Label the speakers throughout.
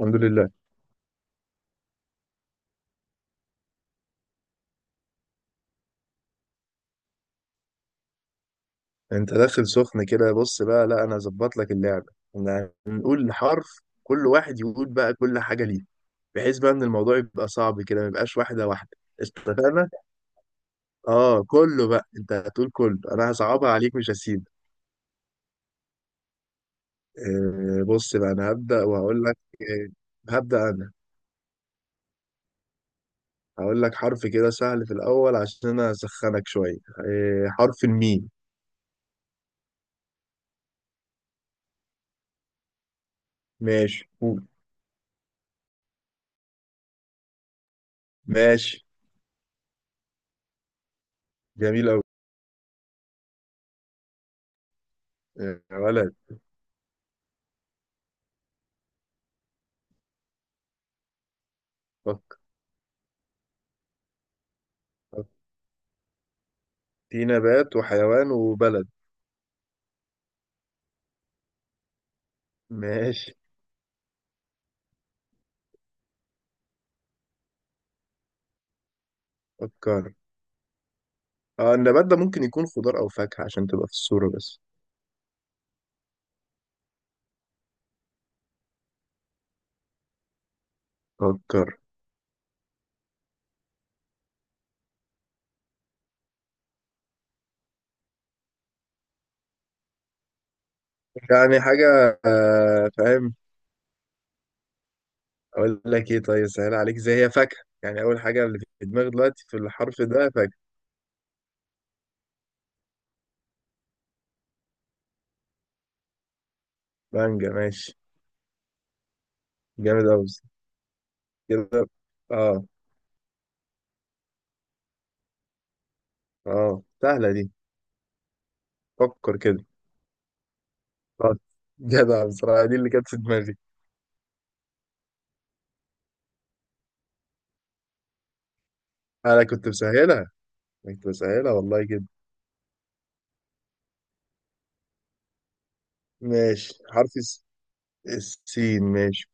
Speaker 1: الحمد لله. انت داخل سخن كده، بص بقى. لا، انا ظبط لك اللعبه. احنا هنقول حرف، كل واحد يقول بقى كل حاجه ليه، بحيث بقى ان الموضوع يبقى صعب كده ما يبقاش واحده واحده. اتفقنا. اه، كله بقى، انت هتقول كله، انا هصعبها عليك، مش هسيب. آه، بص بقى انا هبدا وهقول لك. آه، هبدا انا. هقول لك حرف كده سهل في الاول عشان انا اسخنك شويه، حرف الميم. ماشي، قول. ماشي. جميل قوي. آه يا ولد. فكر. في نبات وحيوان وبلد. ماشي. فكر. اه، النبات ده ممكن يكون خضار او فاكهة عشان تبقى في الصورة بس. فكر. يعني حاجة، فاهم. اقول لك ايه؟ طيب، سهل عليك، زي هي فاكهة، يعني اول حاجة اللي في دماغي دلوقتي في الحرف ده فاكهة. مانجا ماشي. جامد اوي. كده. اه. اه، سهلة دي. فكر كده. طب. جدع بصراحة، دي اللي كانت في دماغي. انا كنت مسهلها. أنا كنت مسهلها والله كده. ماشي، حرف السين. ماشي.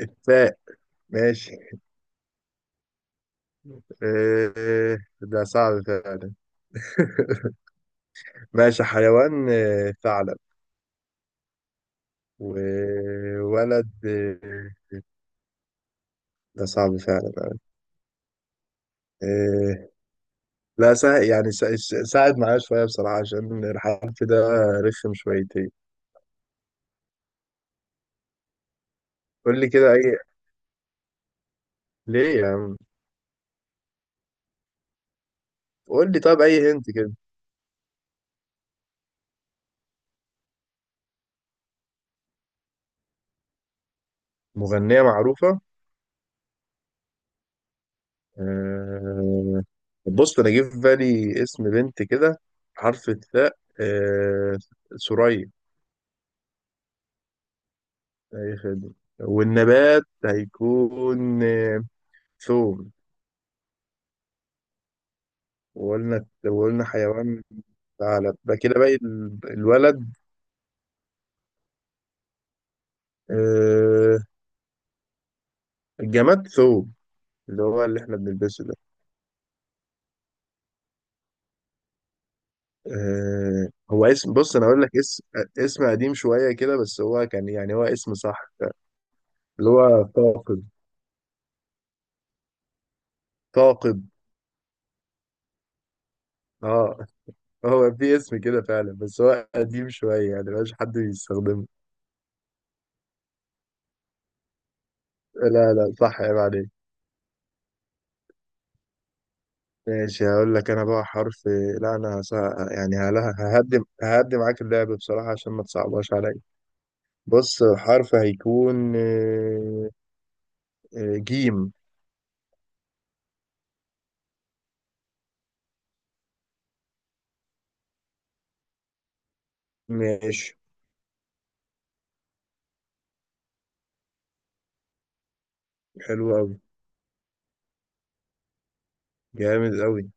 Speaker 1: الثاء. ماشي. آه، ده صعب فعلا. ماشي، حيوان ثعلب. وولد ده صعب فعلا. آه، لا، سا... يعني سا... س- ساعد معايا شوية بصراحة عشان الحرف ده رخم شويتين. قول لي كده أي. ليه يا عم؟ قول لي طب أي هنت كده. مغنية معروفة؟ آه، بص، أنا جه في بالي اسم بنت كده حرف الثاء، ثريا. أي خدمة. والنبات هيكون ثوم. وقلنا حيوان ثعلب بقى. كده باقي الولد. آه، الجماد ثوم، اللي هو اللي احنا بنلبسه ده. هو اسم، بص انا اقول لك اسم، اسم قديم شوية كده بس هو كان يعني هو اسم صح، اللي هو ثاقب. ثاقب، اه. هو في اسم كده فعلا بس هو قديم شوية يعني مبقاش حد بيستخدمه. لا لا، صح يا عليك. ماشي، هقول لك انا بقى حرف. لا، يعني، ههدي معاك اللعب بصراحة عشان ما تصعبهاش عليا. بص، حرف هيكون جيم. ماشي. حلو قوي. جامد قوي.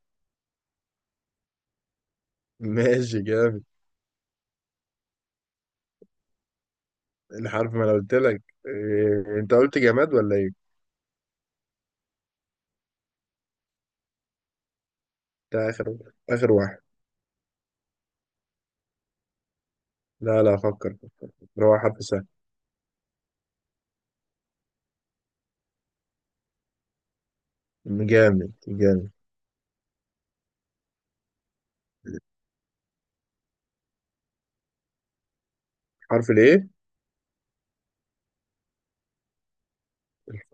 Speaker 1: ماشي جامد. الحرف، ما انا قلت لك؟ انت قلت جماد ولا ايه؟ ده اخر. اخر واحد. لا لا، افكر. هو حرف سهل. جامد جامد. حرف الايه؟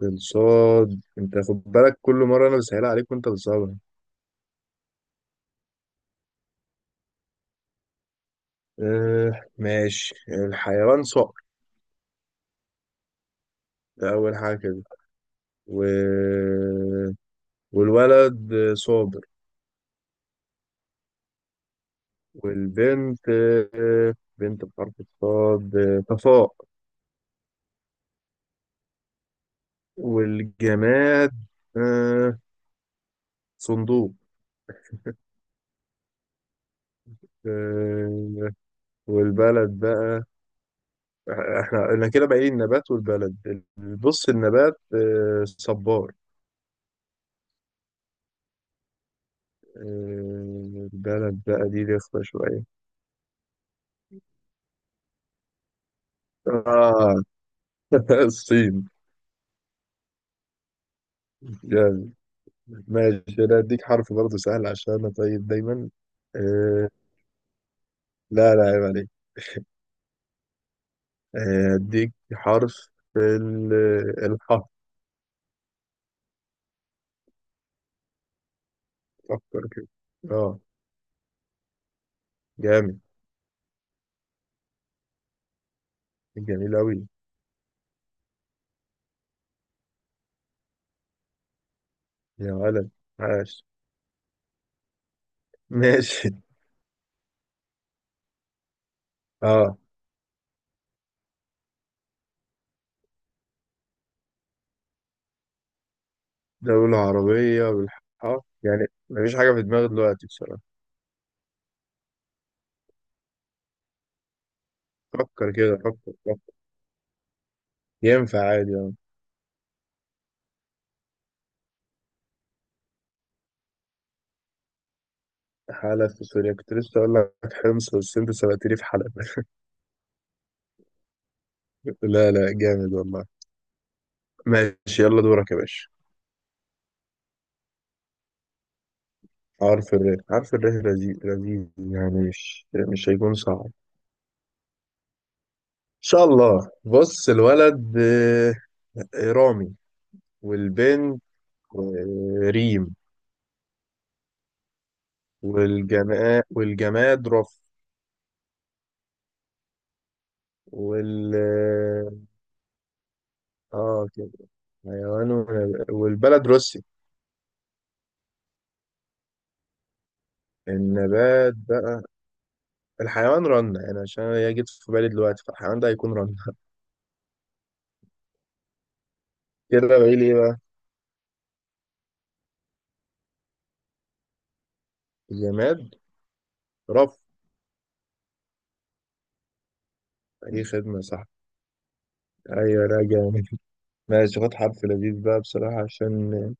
Speaker 1: الصاد، انت خد بالك، كل مرة انا بسهلها عليك وانت بتصعبها. آه ماشي، الحيوان صقر. ده أول حاجة كده. و... والولد صابر. والبنت بنت بحرف الصاد، صفاء. والجماد آه، صندوق. آه، والبلد بقى. احنا كده باقي النبات والبلد. بص، النبات صبار. البلد بقى دي رخمة شوية. آه الصين. ماشي، انا اديك حرف برضه سهل عشان انا طيب دايما. آه، لا لا، عيب عليك. اديك حرف ال- الحاء. فكر كده. اه، جامد. جميل اوي. يا ولد عاش. ماشي، اه. دولة عربية بالحاء، يعني مفيش حاجة في دماغي دلوقتي بصراحة. فكر كده، فكر فكر. ينفع عادي، اه. حلب في سوريا، كنت لسه اقول لك حمص بس انت سبقتني في حلب. لا لا، جامد والله. ماشي. يلا دورك يا باشا. عارف الريح، عارف الريح لذيذ لذيذ، يعني مش هيكون صعب ان شاء الله. بص، الولد رامي. والبنت ريم. والجماد رف. وال اه، كده حيوان والبلد روسي. النبات بقى، الحيوان رنة، يعني عشان هي جت في بالي دلوقتي فالحيوان ده هيكون رنة. كده بقى، ايه ليه بقى. الجماد رف. اي خدمة صح. ايوه راجع. ماشي، خد حرف لذيذ بقى بصراحة عشان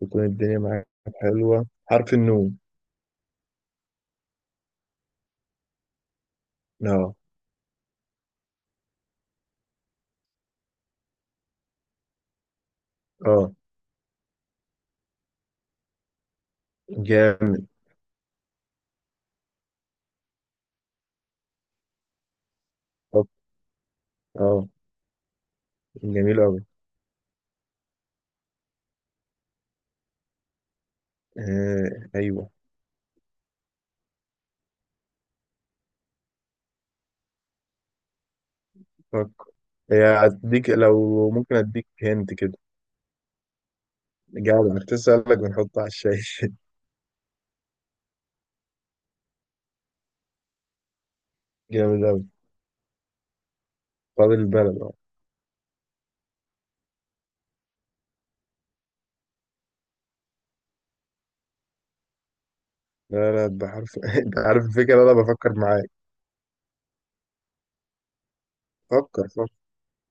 Speaker 1: تكون الدنيا معاك حلوة. حرف النون. اه. اه، جامد. طب، اه. جميل أوي. آه أيوه. فكر. هي، هديك لو ممكن أديك هنت كده. جدع، كنت أسألك بنحطه على الشاي. جامد أوي. فاضل البلد، اه. لا لا، بحرف أنت عارف الفكرة، أنا بفكر معاك. فكر فكر.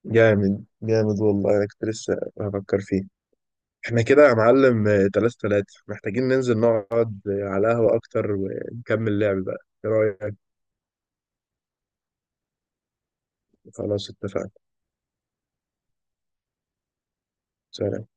Speaker 1: جامد جامد والله، أنا كنت لسه بفكر فيه. احنا كده يا معلم، تلاتة تلاتة محتاجين ننزل نقعد، على قهوة أكتر ونكمل لعب بقى. إيه رأيك؟ خلاص اتفقنا. سلام.